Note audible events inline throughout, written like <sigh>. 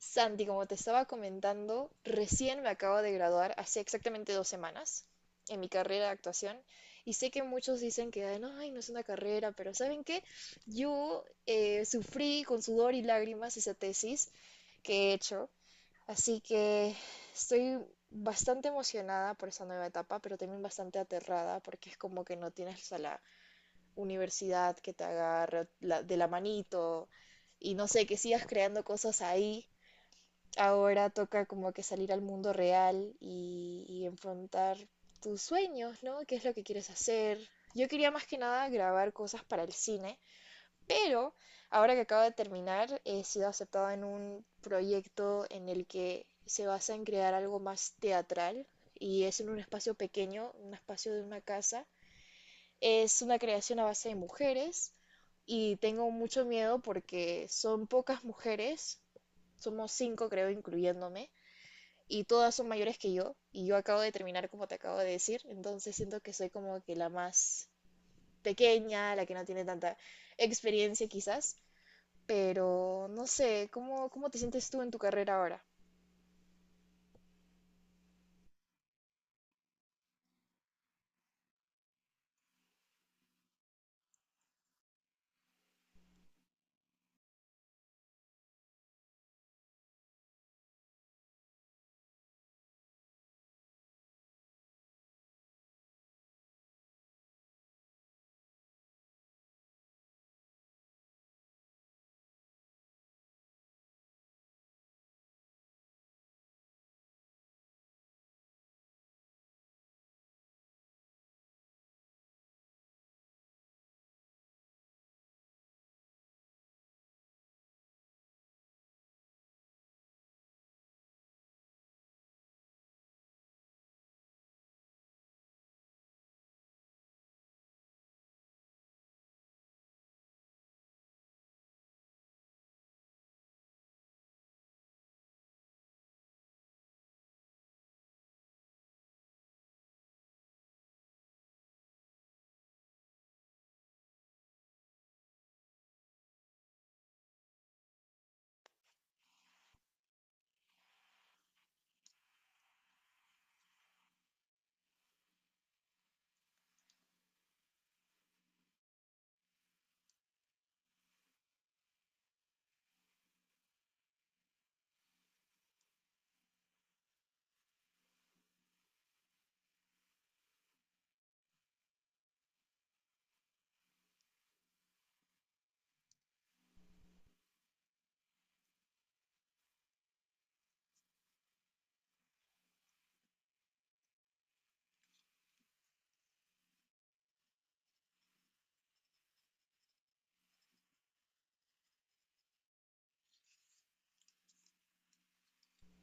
Santi, como te estaba comentando, recién me acabo de graduar hace exactamente 2 semanas en mi carrera de actuación, y sé que muchos dicen que ay, no es una carrera", pero ¿saben qué? Yo sufrí con sudor y lágrimas esa tesis que he hecho, así que estoy bastante emocionada por esa nueva etapa, pero también bastante aterrada porque es como que no tienes a la universidad que te agarre de la manito y no sé, que sigas creando cosas ahí. Ahora toca como que salir al mundo real y enfrentar tus sueños, ¿no? ¿Qué es lo que quieres hacer? Yo quería más que nada grabar cosas para el cine, pero ahora que acabo de terminar, he sido aceptada en un proyecto en el que se basa en crear algo más teatral y es en un espacio pequeño, un espacio de una casa. Es una creación a base de mujeres y tengo mucho miedo porque son pocas mujeres, somos cinco creo incluyéndome, y todas son mayores que yo, y yo acabo de terminar como te acabo de decir. Entonces siento que soy como que la más pequeña, la que no tiene tanta experiencia quizás, pero no sé, ¿cómo te sientes tú en tu carrera ahora?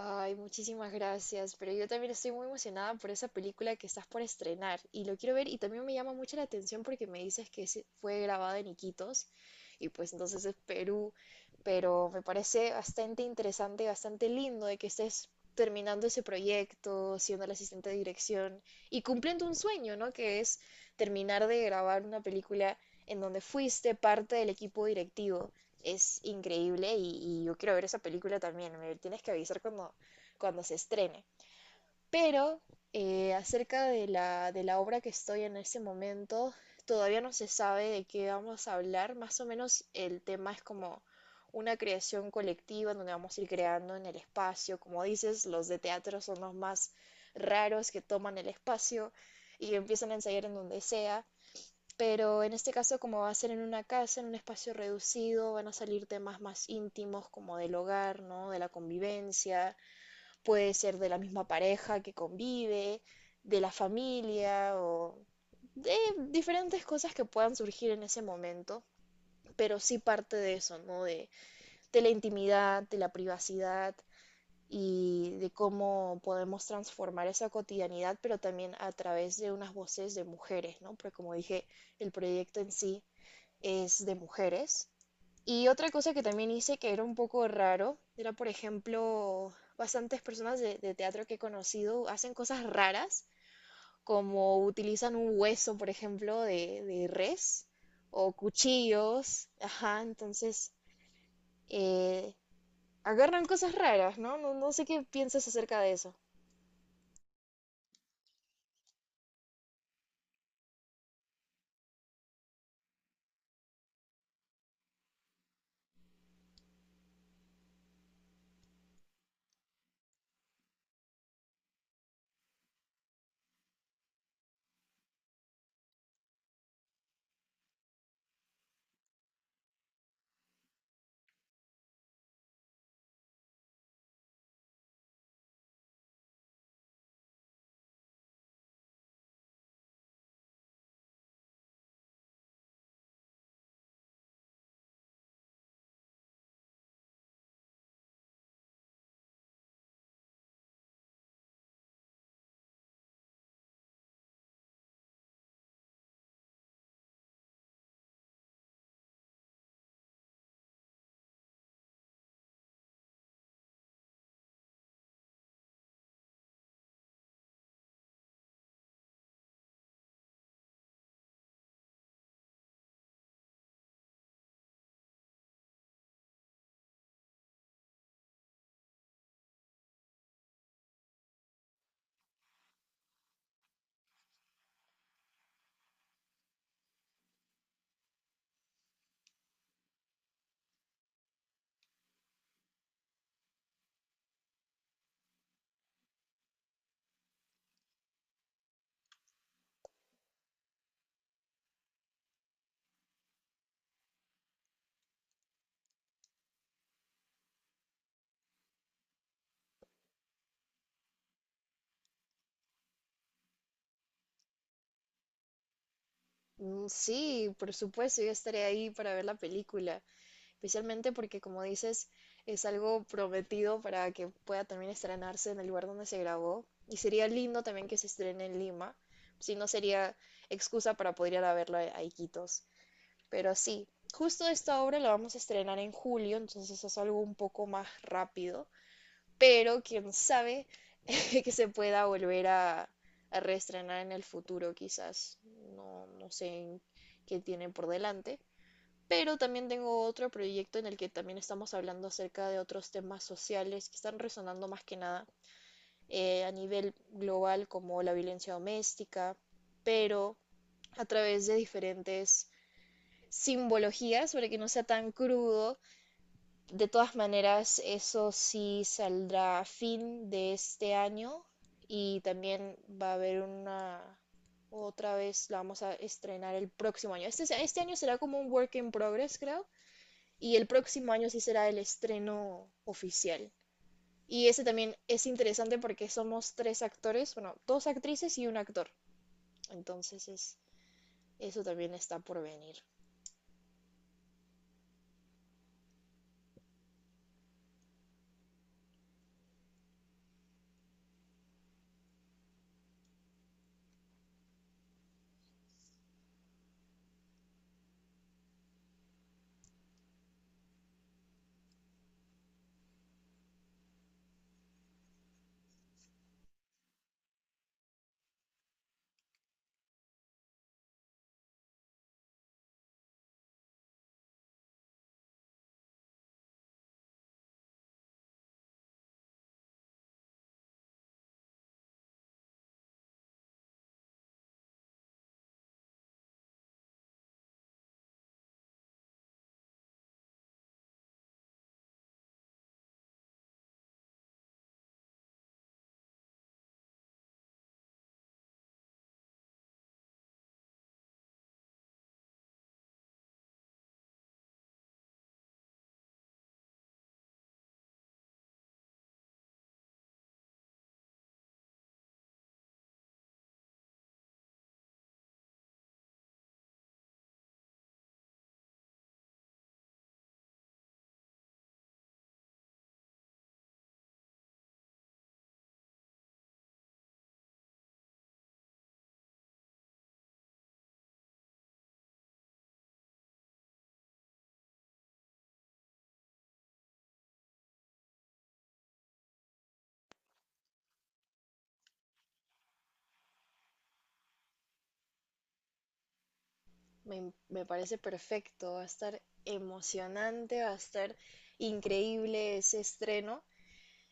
Ay, muchísimas gracias, pero yo también estoy muy emocionada por esa película que estás por estrenar y lo quiero ver, y también me llama mucho la atención porque me dices que fue grabada en Iquitos y pues entonces es Perú, pero me parece bastante interesante, bastante lindo de que estés terminando ese proyecto, siendo el asistente de dirección y cumpliendo un sueño, ¿no? Que es terminar de grabar una película en donde fuiste parte del equipo directivo es increíble, y yo quiero ver esa película también. Me tienes que avisar cuando se estrene. Pero acerca de de la obra que estoy en este momento, todavía no se sabe de qué vamos a hablar. Más o menos el tema es como una creación colectiva en donde vamos a ir creando en el espacio. Como dices, los de teatro son los más raros, que toman el espacio y empiezan a ensayar en donde sea. Pero en este caso, como va a ser en una casa, en un espacio reducido, van a salir temas más íntimos como del hogar, ¿no? De la convivencia, puede ser de la misma pareja que convive, de la familia o de diferentes cosas que puedan surgir en ese momento, pero sí parte de eso, ¿no? De la intimidad, de la privacidad y de cómo podemos transformar esa cotidianidad, pero también a través de unas voces de mujeres, ¿no? Porque como dije, el proyecto en sí es de mujeres. Y otra cosa que también hice que era un poco raro, era por ejemplo, bastantes personas de teatro que he conocido hacen cosas raras, como utilizan un hueso, por ejemplo, de res o cuchillos, ajá, entonces eh, agarran cosas raras, ¿no? ¿no? No sé qué piensas acerca de eso. Mm, sí, por supuesto, yo estaré ahí para ver la película, especialmente porque, como dices, es algo prometido para que pueda también estrenarse en el lugar donde se grabó. Y sería lindo también que se estrene en Lima, si no sería excusa para poder ir a verlo a Iquitos. Pero sí, justo esta obra la vamos a estrenar en julio, entonces es algo un poco más rápido, pero quién sabe <laughs> que se pueda volver a reestrenar en el futuro, quizás. No, no sé en qué tiene por delante, pero también tengo otro proyecto en el que también estamos hablando acerca de otros temas sociales que están resonando más que nada a nivel global, como la violencia doméstica, pero a través de diferentes simbologías para que no sea tan crudo. De todas maneras, eso sí saldrá a fin de este año y también va a haber una, otra vez la vamos a estrenar el próximo año. Este año será como un work in progress, creo, y el próximo año sí será el estreno oficial. Y ese también es interesante porque somos tres actores, bueno, dos actrices y un actor. Entonces es, eso también está por venir. Me parece perfecto, va a estar emocionante, va a estar increíble ese estreno.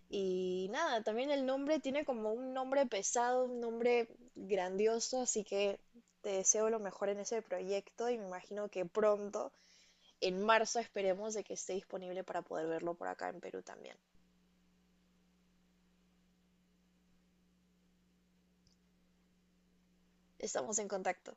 Y nada, también el nombre tiene como un nombre pesado, un nombre grandioso, así que te deseo lo mejor en ese proyecto y me imagino que pronto en marzo esperemos de que esté disponible para poder verlo por acá en Perú también. Estamos en contacto.